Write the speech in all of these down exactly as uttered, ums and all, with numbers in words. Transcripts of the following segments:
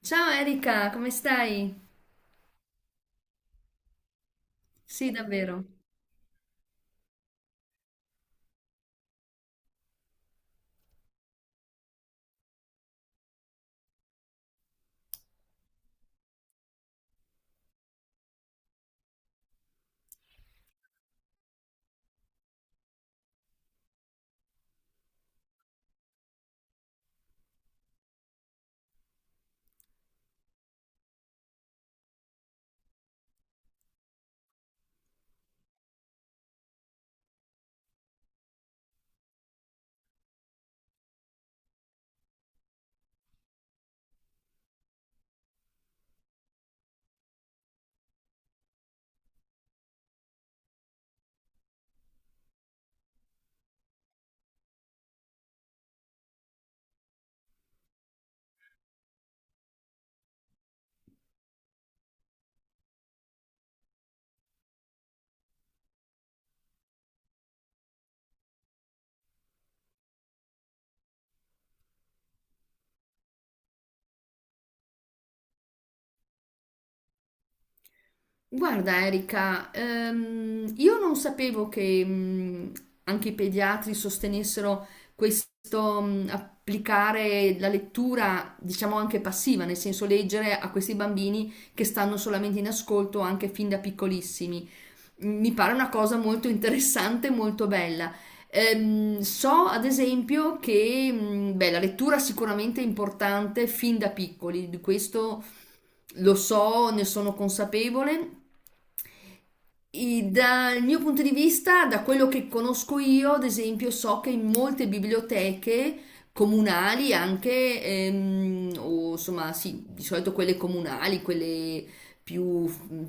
Ciao Erika, come stai? Sì, davvero. Guarda Erika, ehm, io non sapevo che mh, anche i pediatri sostenessero questo mh, applicare la lettura, diciamo anche passiva, nel senso leggere a questi bambini che stanno solamente in ascolto anche fin da piccolissimi. Mi pare una cosa molto interessante, molto bella. Ehm, so ad esempio che mh, beh, la lettura sicuramente è importante fin da piccoli, di questo. Lo so, ne sono consapevole, i- dal mio punto di vista, da quello che conosco io, ad esempio, so che in molte biblioteche comunali anche, ehm, o insomma, sì, di solito quelle comunali, quelle più,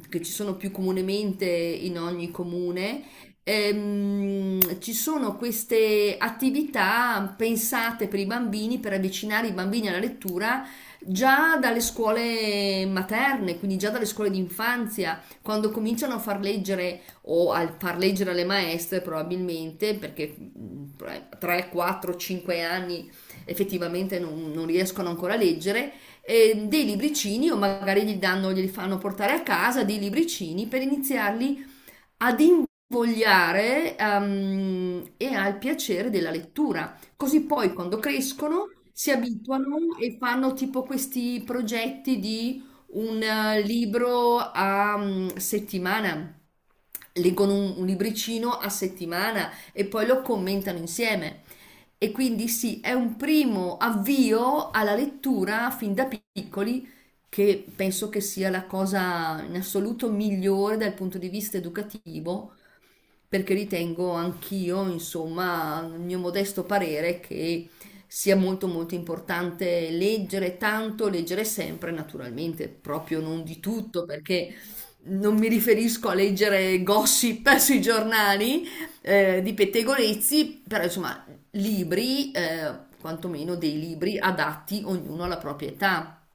che ci sono più comunemente in ogni comune, ehm, ci sono queste attività pensate per i bambini, per avvicinare i bambini alla lettura già dalle scuole materne, quindi già dalle scuole di infanzia quando cominciano a far leggere o a far leggere alle maestre probabilmente perché mh, tre, quattro, cinque anni effettivamente non, non riescono ancora a leggere eh, dei libricini o magari gli danno, glieli fanno portare a casa dei libricini per iniziarli ad invogliare ehm, e al piacere della lettura. Così poi quando crescono si abituano e fanno tipo questi progetti di un eh, libro a mm, settimana. Leggono un, un libricino a settimana e poi lo commentano insieme. E quindi sì, è un primo avvio alla lettura fin da piccoli che penso che sia la cosa in assoluto migliore dal punto di vista educativo perché ritengo anch'io, insomma, il mio modesto parere che sia molto molto importante leggere tanto, leggere sempre, naturalmente, proprio non di tutto, perché non mi riferisco a leggere gossip sui giornali eh, di pettegolezzi, però insomma, libri, eh, quantomeno dei libri adatti ognuno alla propria età.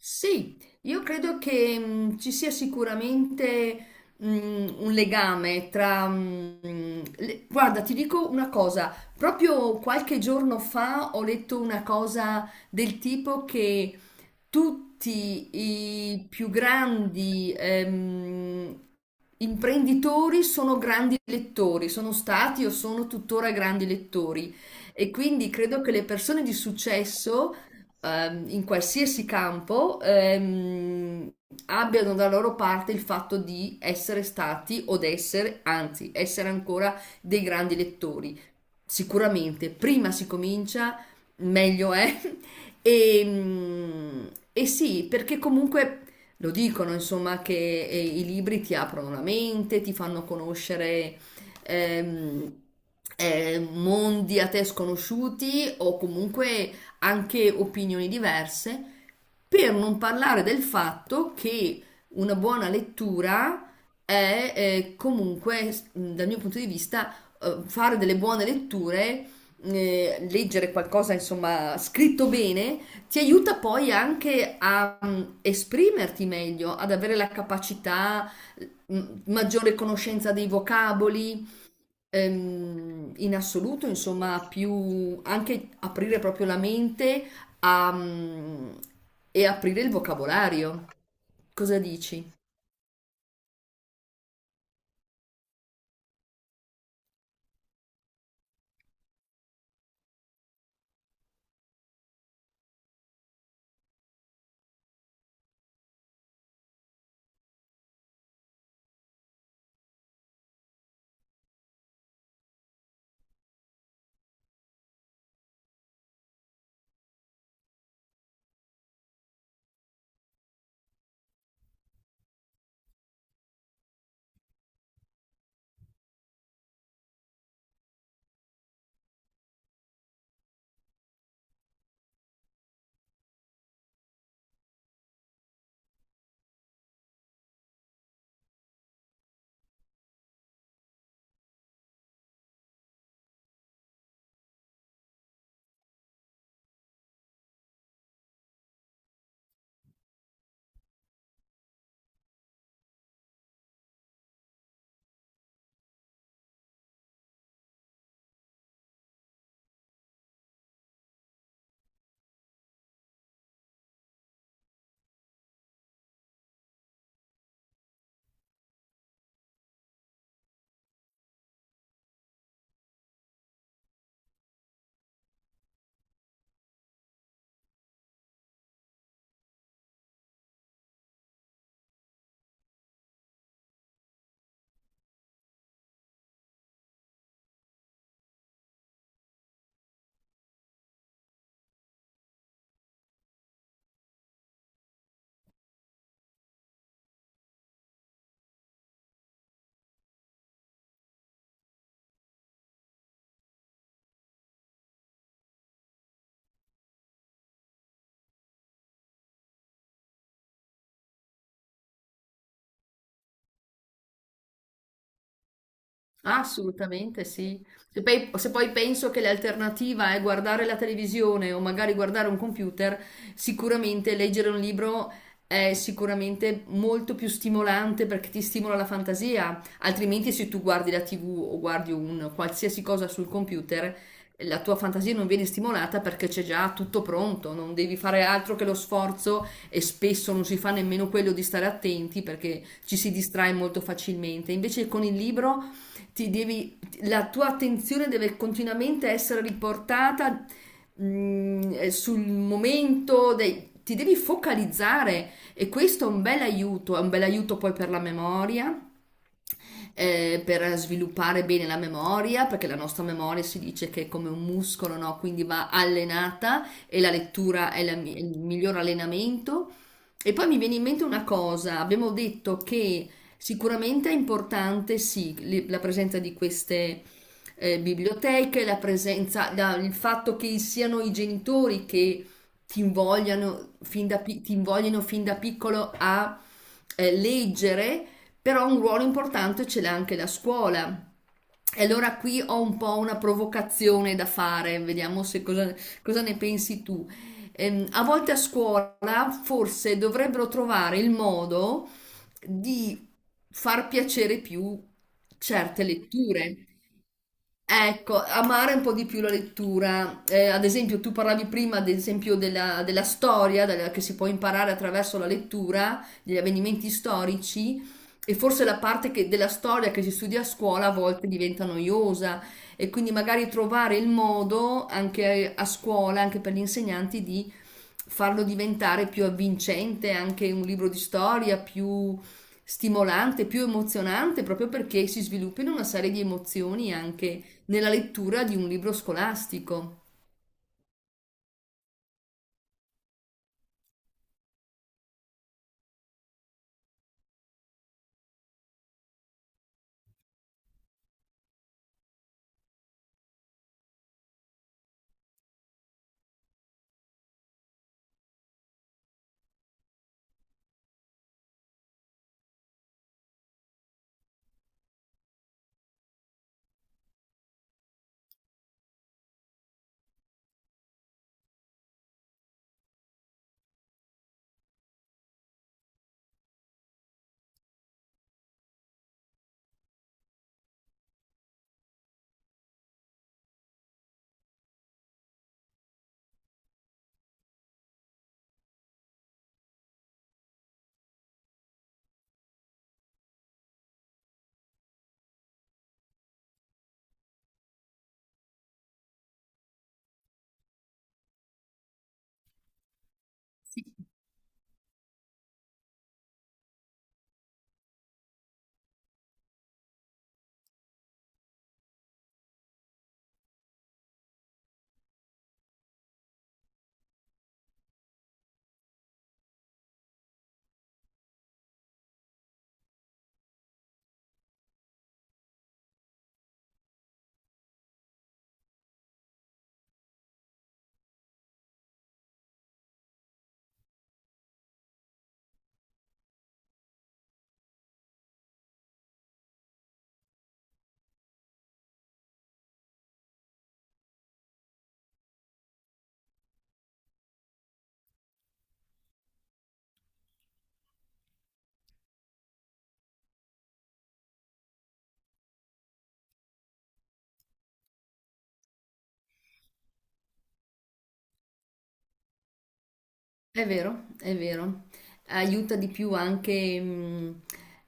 Sì, io credo che mh, ci sia sicuramente mh, un legame tra... mh, le- Guarda, ti dico una cosa, proprio qualche giorno fa ho letto una cosa del tipo che tutti i più grandi ehm, imprenditori sono grandi lettori, sono stati o sono tuttora grandi lettori e quindi credo che le persone di successo ehm, in qualsiasi campo ehm, abbiano da loro parte il fatto di essere stati o d'essere, anzi, essere ancora dei grandi lettori. Sicuramente, prima si comincia, meglio è. E, mm, e sì, perché comunque lo dicono, insomma, che eh, i libri ti aprono la mente, ti fanno conoscere ehm, eh, mondi a te sconosciuti o comunque anche opinioni diverse, per non parlare del fatto che una buona lettura è eh, comunque, s- mh, dal mio punto di vista, eh, fare delle buone letture, eh, leggere qualcosa, insomma, scritto bene, ti aiuta poi anche a mh, esprimerti meglio, ad avere la capacità, mh, maggiore conoscenza dei vocaboli, Ehm, in assoluto, insomma, più anche aprire proprio la mente a, mm, e aprire il vocabolario. Cosa dici? Assolutamente sì. Se poi, se poi penso che l'alternativa è guardare la televisione o magari guardare un computer, sicuramente leggere un libro è sicuramente molto più stimolante perché ti stimola la fantasia. Altrimenti, se tu guardi la T V o guardi un qualsiasi cosa sul computer, la tua fantasia non viene stimolata perché c'è già tutto pronto, non devi fare altro che lo sforzo e spesso non si fa nemmeno quello di stare attenti perché ci si distrae molto facilmente. Invece con il libro ti devi, la tua attenzione deve continuamente essere riportata mh, sul momento, dei, ti devi focalizzare e questo è un bel aiuto, è un bel aiuto poi per la memoria eh, per sviluppare bene la memoria, perché la nostra memoria si dice che è come un muscolo, no? Quindi va allenata e la lettura è la mi- il miglior allenamento. E poi mi viene in mente una cosa, abbiamo detto che sicuramente è importante, sì, le- la presenza di queste eh, biblioteche, la presenza, la- il fatto che siano i genitori che ti invogliano fin da, pi- ti invoglino fin da piccolo a eh, leggere però un ruolo importante ce l'ha anche la scuola. E allora qui ho un po' una provocazione da fare, vediamo se cosa, cosa ne pensi tu. Ehm, a volte a scuola forse dovrebbero trovare il modo di far piacere più certe letture. Ecco, amare un po' di più la lettura. Eh, ad esempio, tu parlavi prima, ad esempio, della, della storia della- che si può imparare attraverso la lettura, degli avvenimenti storici, e forse la parte che- della storia che si studia a scuola a volte diventa noiosa, e quindi magari trovare il modo anche a scuola, anche per gli insegnanti, di farlo diventare più avvincente, anche un libro di storia più stimolante, più emozionante, proprio perché si sviluppino una serie di emozioni anche nella lettura di un libro scolastico. È vero, è vero. Aiuta di più anche, mh,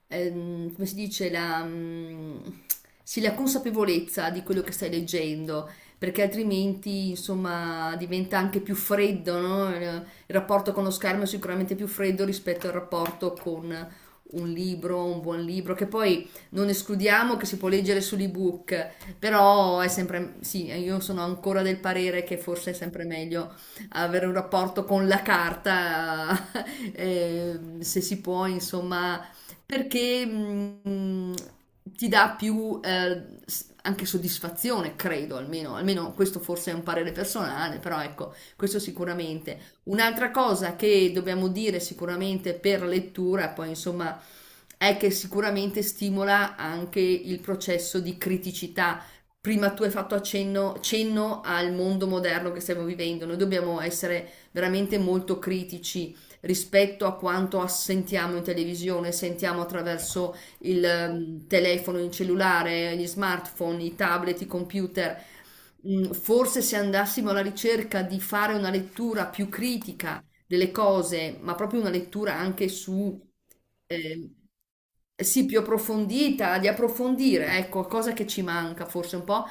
ehm, come si dice, la, mh, sì, la consapevolezza di quello che stai leggendo, perché altrimenti, insomma, diventa anche più freddo, no? Il, il rapporto con lo schermo è sicuramente più freddo rispetto al rapporto con un libro, un buon libro, che poi non escludiamo che si può leggere sull'ebook, però è sempre, sì, io sono ancora del parere che forse è sempre meglio avere un rapporto con la carta, eh, se si può, insomma, perché mh, ti dà più eh, s- anche soddisfazione, credo, almeno, almeno questo forse è un parere personale, però ecco, questo sicuramente. Un'altra cosa che dobbiamo dire sicuramente per lettura, poi insomma, è che sicuramente stimola anche il processo di criticità. Prima tu hai fatto accenno, cenno al mondo moderno che stiamo vivendo. Noi dobbiamo essere veramente molto critici rispetto a quanto ass- sentiamo in televisione, sentiamo attraverso il ehm, telefono, il cellulare, gli smartphone, i tablet, i computer. Mm, Forse se andassimo alla ricerca di fare una lettura più critica delle cose, ma proprio una lettura anche su, eh, sì, più approfondita, di approfondire, ecco, cosa che ci manca forse un po',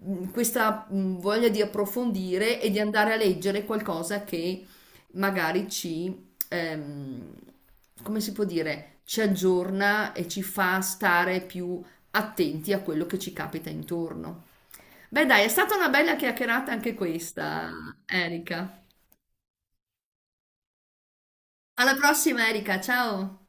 mh, questa mh, voglia di approfondire e di andare a leggere qualcosa che magari ci, ehm, come si può dire, ci aggiorna e ci fa stare più attenti a quello che ci capita intorno. Beh, dai, è stata una bella chiacchierata anche questa, Erika. Alla prossima, Erika. Ciao.